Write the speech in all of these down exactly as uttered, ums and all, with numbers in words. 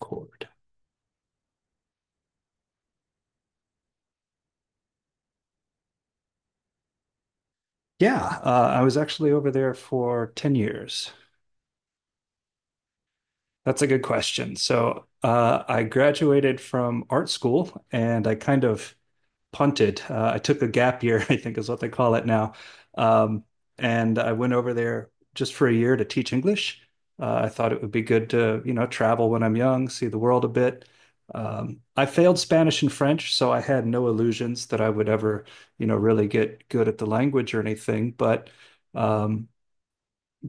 Cord. Yeah, uh, I was actually over there for ten years. That's a good question. So uh, I graduated from art school and I kind of punted. Uh, I took a gap year, I think is what they call it now. Um, and I went over there just for a year to teach English. Uh, I thought it would be good to, you know, travel when I'm young, see the world a bit. Um, I failed Spanish and French, so I had no illusions that I would ever, you know, really get good at the language or anything. But um,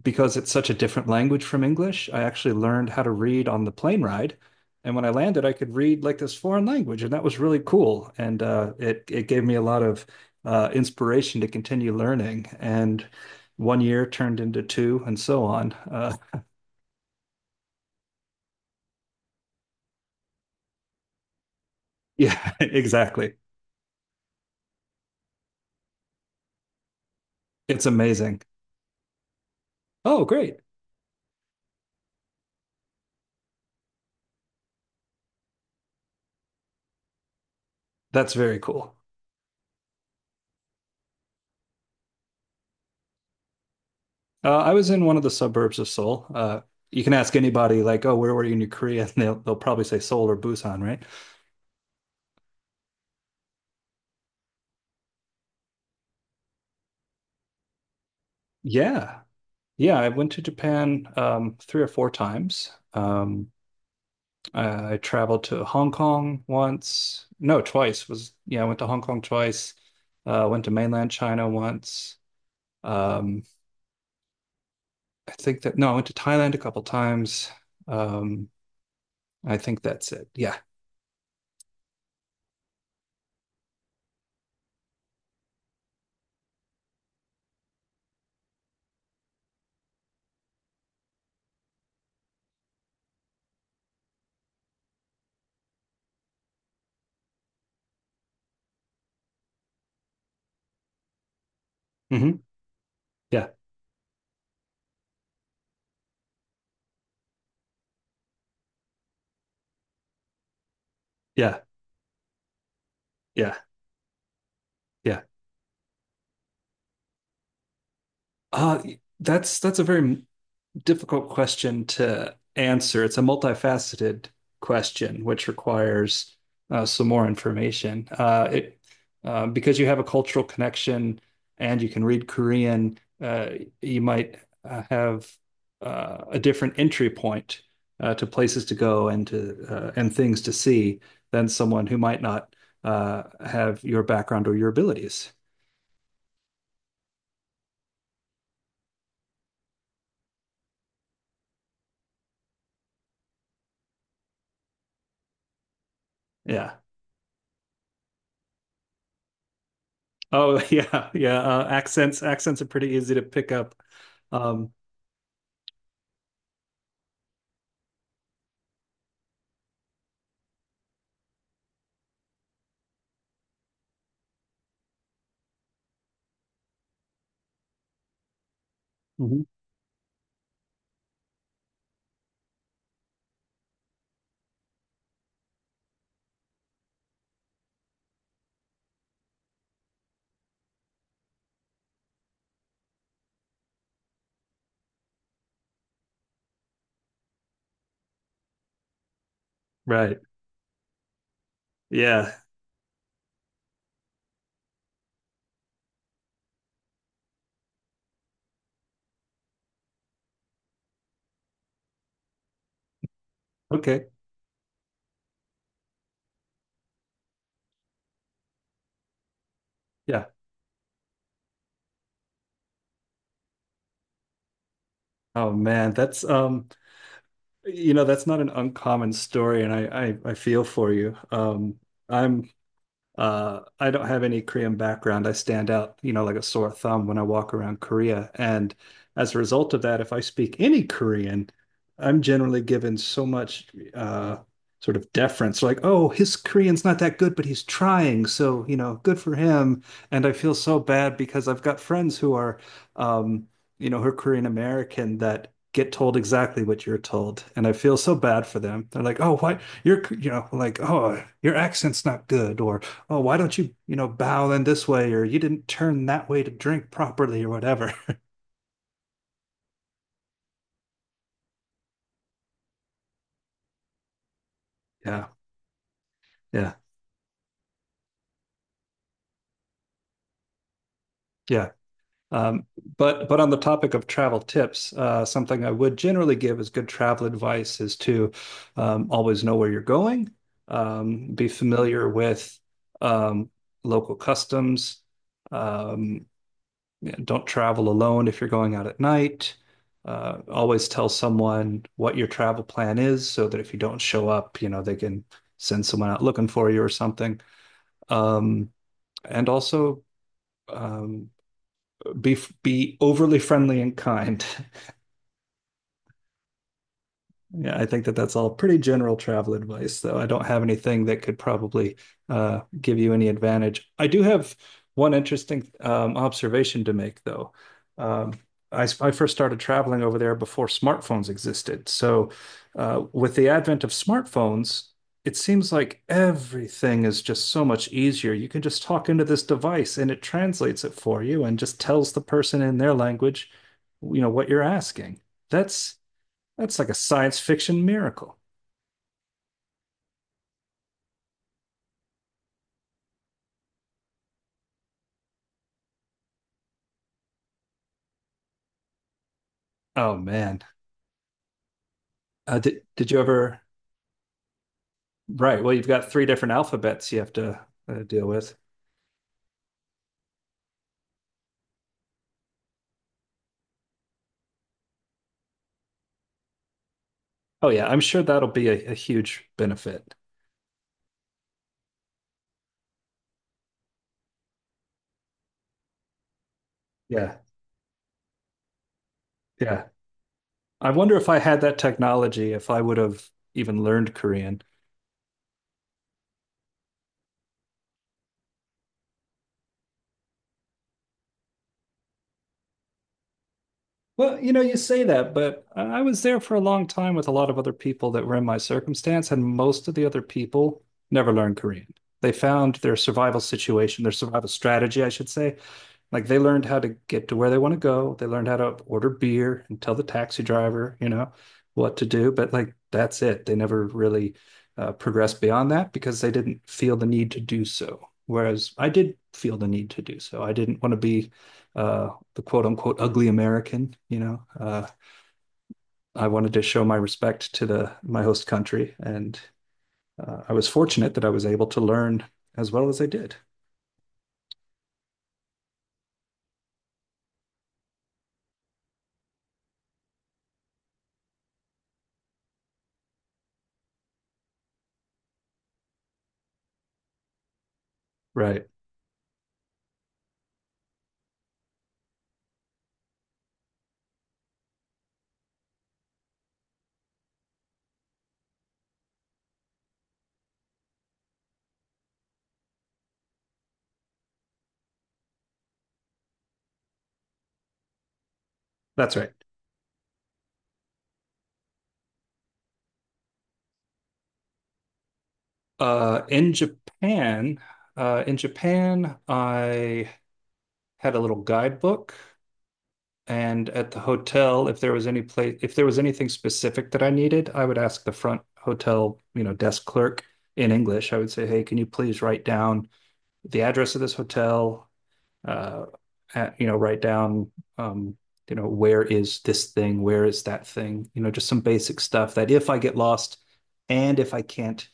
because it's such a different language from English, I actually learned how to read on the plane ride. And when I landed, I could read like this foreign language, and that was really cool. And uh, it it gave me a lot of uh, inspiration to continue learning. And one year turned into two, and so on. Uh, yeah, exactly. It's amazing. Oh, great. That's very cool. Uh, I was in one of the suburbs of Seoul. Uh, you can ask anybody, like, "Oh, where were you in Korea?" And they'll they'll probably say Seoul or Busan, right? Yeah, yeah, I went to Japan um, three or four times. Um, I traveled to Hong Kong once. No, twice was yeah, I went to Hong Kong twice. Uh, went to mainland China once. Um, I think that no, I went to Thailand a couple times. Um, I think that's it. Yeah. Hmm. Yeah. Yeah. Yeah. Yeah. Uh, that's that's a very difficult question to answer. It's a multifaceted question, which requires uh, some more information. Uh, it, uh, because you have a cultural connection and you can read Korean, uh, you might uh, have uh, a different entry point uh, to places to go and to uh, and things to see than someone who might not uh, have your background or your abilities. Yeah. Oh, yeah, yeah. Uh, accents accents are pretty easy to pick up. Um, Mhm. Right. Yeah. Okay. Yeah. Oh man, that's um, you know, that's not an uncommon story, and I I, I feel for you. Um, I'm Uh, I don't have any Korean background. I stand out, you know, like a sore thumb when I walk around Korea. And as a result of that, if I speak any Korean, I'm generally given so much uh, sort of deference, like, oh, his Korean's not that good, but he's trying. So, you know, good for him. And I feel so bad because I've got friends who are, um, you know, who are Korean American that get told exactly what you're told. And I feel so bad for them. They're like, oh, why? You're, you know, like, oh, your accent's not good, or oh, why don't you, you know, bow in this way or you didn't turn that way to drink properly or whatever. Yeah, yeah, yeah. Um, but but on the topic of travel tips, uh, something I would generally give as good travel advice is to um, always know where you're going, um, be familiar with um, local customs, um, don't travel alone if you're going out at night. Uh, always tell someone what your travel plan is so that if you don't show up, you know, they can send someone out looking for you or something. Um, and also um, be be overly friendly and kind. Yeah, I think that that's all pretty general travel advice, though. I don't have anything that could probably uh, give you any advantage. I do have one interesting um, observation to make, though. Um, I, I first started traveling over there before smartphones existed. So, uh, with the advent of smartphones, it seems like everything is just so much easier. You can just talk into this device and it translates it for you and just tells the person in their language, you know, what you're asking. That's that's like a science fiction miracle. Oh man. Uh, did did you ever? Right. Well, you've got three different alphabets you have to uh, deal with. Oh yeah, I'm sure that'll be a, a huge benefit. Yeah. Yeah. I wonder if I had that technology, if I would have even learned Korean. Well, you know, you say that, but I I was there for a long time with a lot of other people that were in my circumstance, and most of the other people never learned Korean. They found their survival situation, their survival strategy, I should say, like they learned how to get to where they want to go. They learned how to order beer and tell the taxi driver, you know, what to do. But like that's it. They never really uh, progressed beyond that because they didn't feel the need to do so. Whereas I did feel the need to do so. I didn't want to be uh, the quote unquote ugly American, you know. Uh, I wanted to show my respect to the my host country and uh, I was fortunate that I was able to learn as well as I did. Right. That's right. Uh, in Japan, uh, in Japan, I had a little guidebook, and at the hotel, if there was any place, if there was anything specific that I needed, I would ask the front hotel, you know, desk clerk in English. I would say, "Hey, can you please write down the address of this hotel, uh, at, you know, write down, um, you know, where is this thing? Where is that thing? You know, just some basic stuff that if I get lost and if I can't,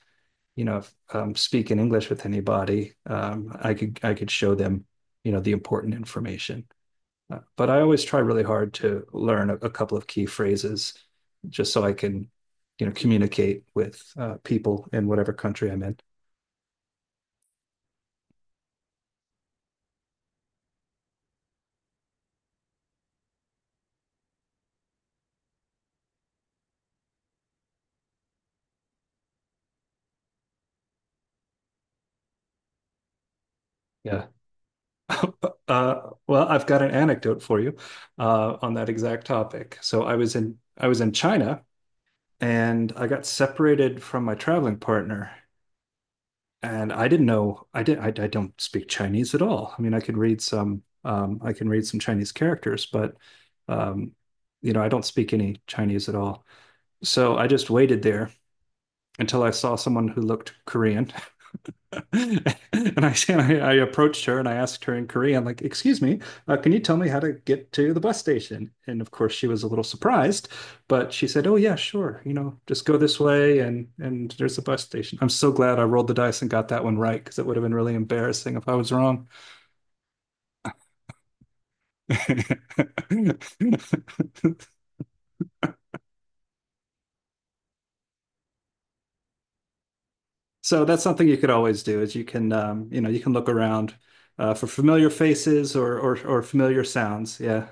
you know, um, speak in English with anybody, um, I could I could show them, you know, the important information. But I always try really hard to learn a, a couple of key phrases just so I can, you know, communicate with uh, people in whatever country I'm in. Yeah. Uh, well, I've got an anecdote for you uh, on that exact topic. So I was in I was in China and I got separated from my traveling partner. And I didn't know I did I, I don't speak Chinese at all. I mean, I could read some um, I can read some Chinese characters, but um, you know, I don't speak any Chinese at all. So I just waited there until I saw someone who looked Korean. And I, and I, I approached her and I asked her in Korean, like, "Excuse me, uh, can you tell me how to get to the bus station?" And of course, she was a little surprised, but she said, "Oh yeah, sure. You know, just go this way, and and there's a bus station." I'm so glad I rolled the dice and got that one right because it would have been really embarrassing if I was wrong. So that's something you could always do is you can, um, you know, you can look around uh, for familiar faces or or, or familiar sounds. Yeah.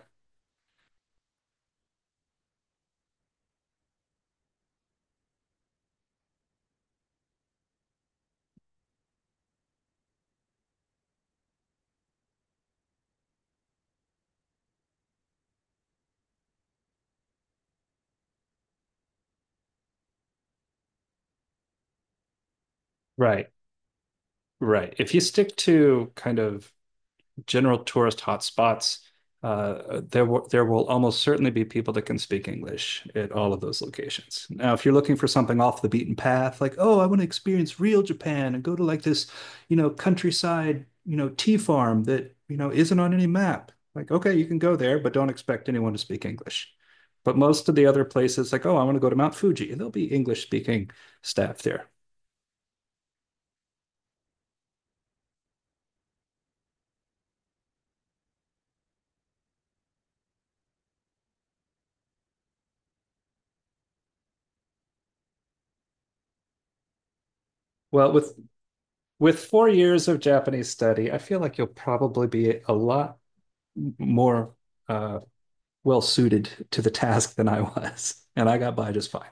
Right. Right. If you stick to kind of general tourist hotspots, uh, there will there will almost certainly be people that can speak English at all of those locations. Now, if you're looking for something off the beaten path, like, oh, I want to experience real Japan and go to like this, you know, countryside, you know, tea farm that, you know, isn't on any map. Like, okay, you can go there, but don't expect anyone to speak English. But most of the other places, like, oh, I want to go to Mount Fuji, there'll be English speaking staff there. Well, with with four years of Japanese study, I feel like you'll probably be a lot more uh, well suited to the task than I was, and I got by just fine.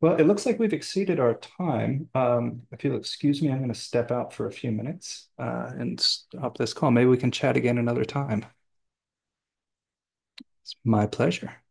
Well, it looks like we've exceeded our time. Um, if you'll excuse me, I'm going to step out for a few minutes uh, and stop this call. Maybe we can chat again another time. It's my pleasure.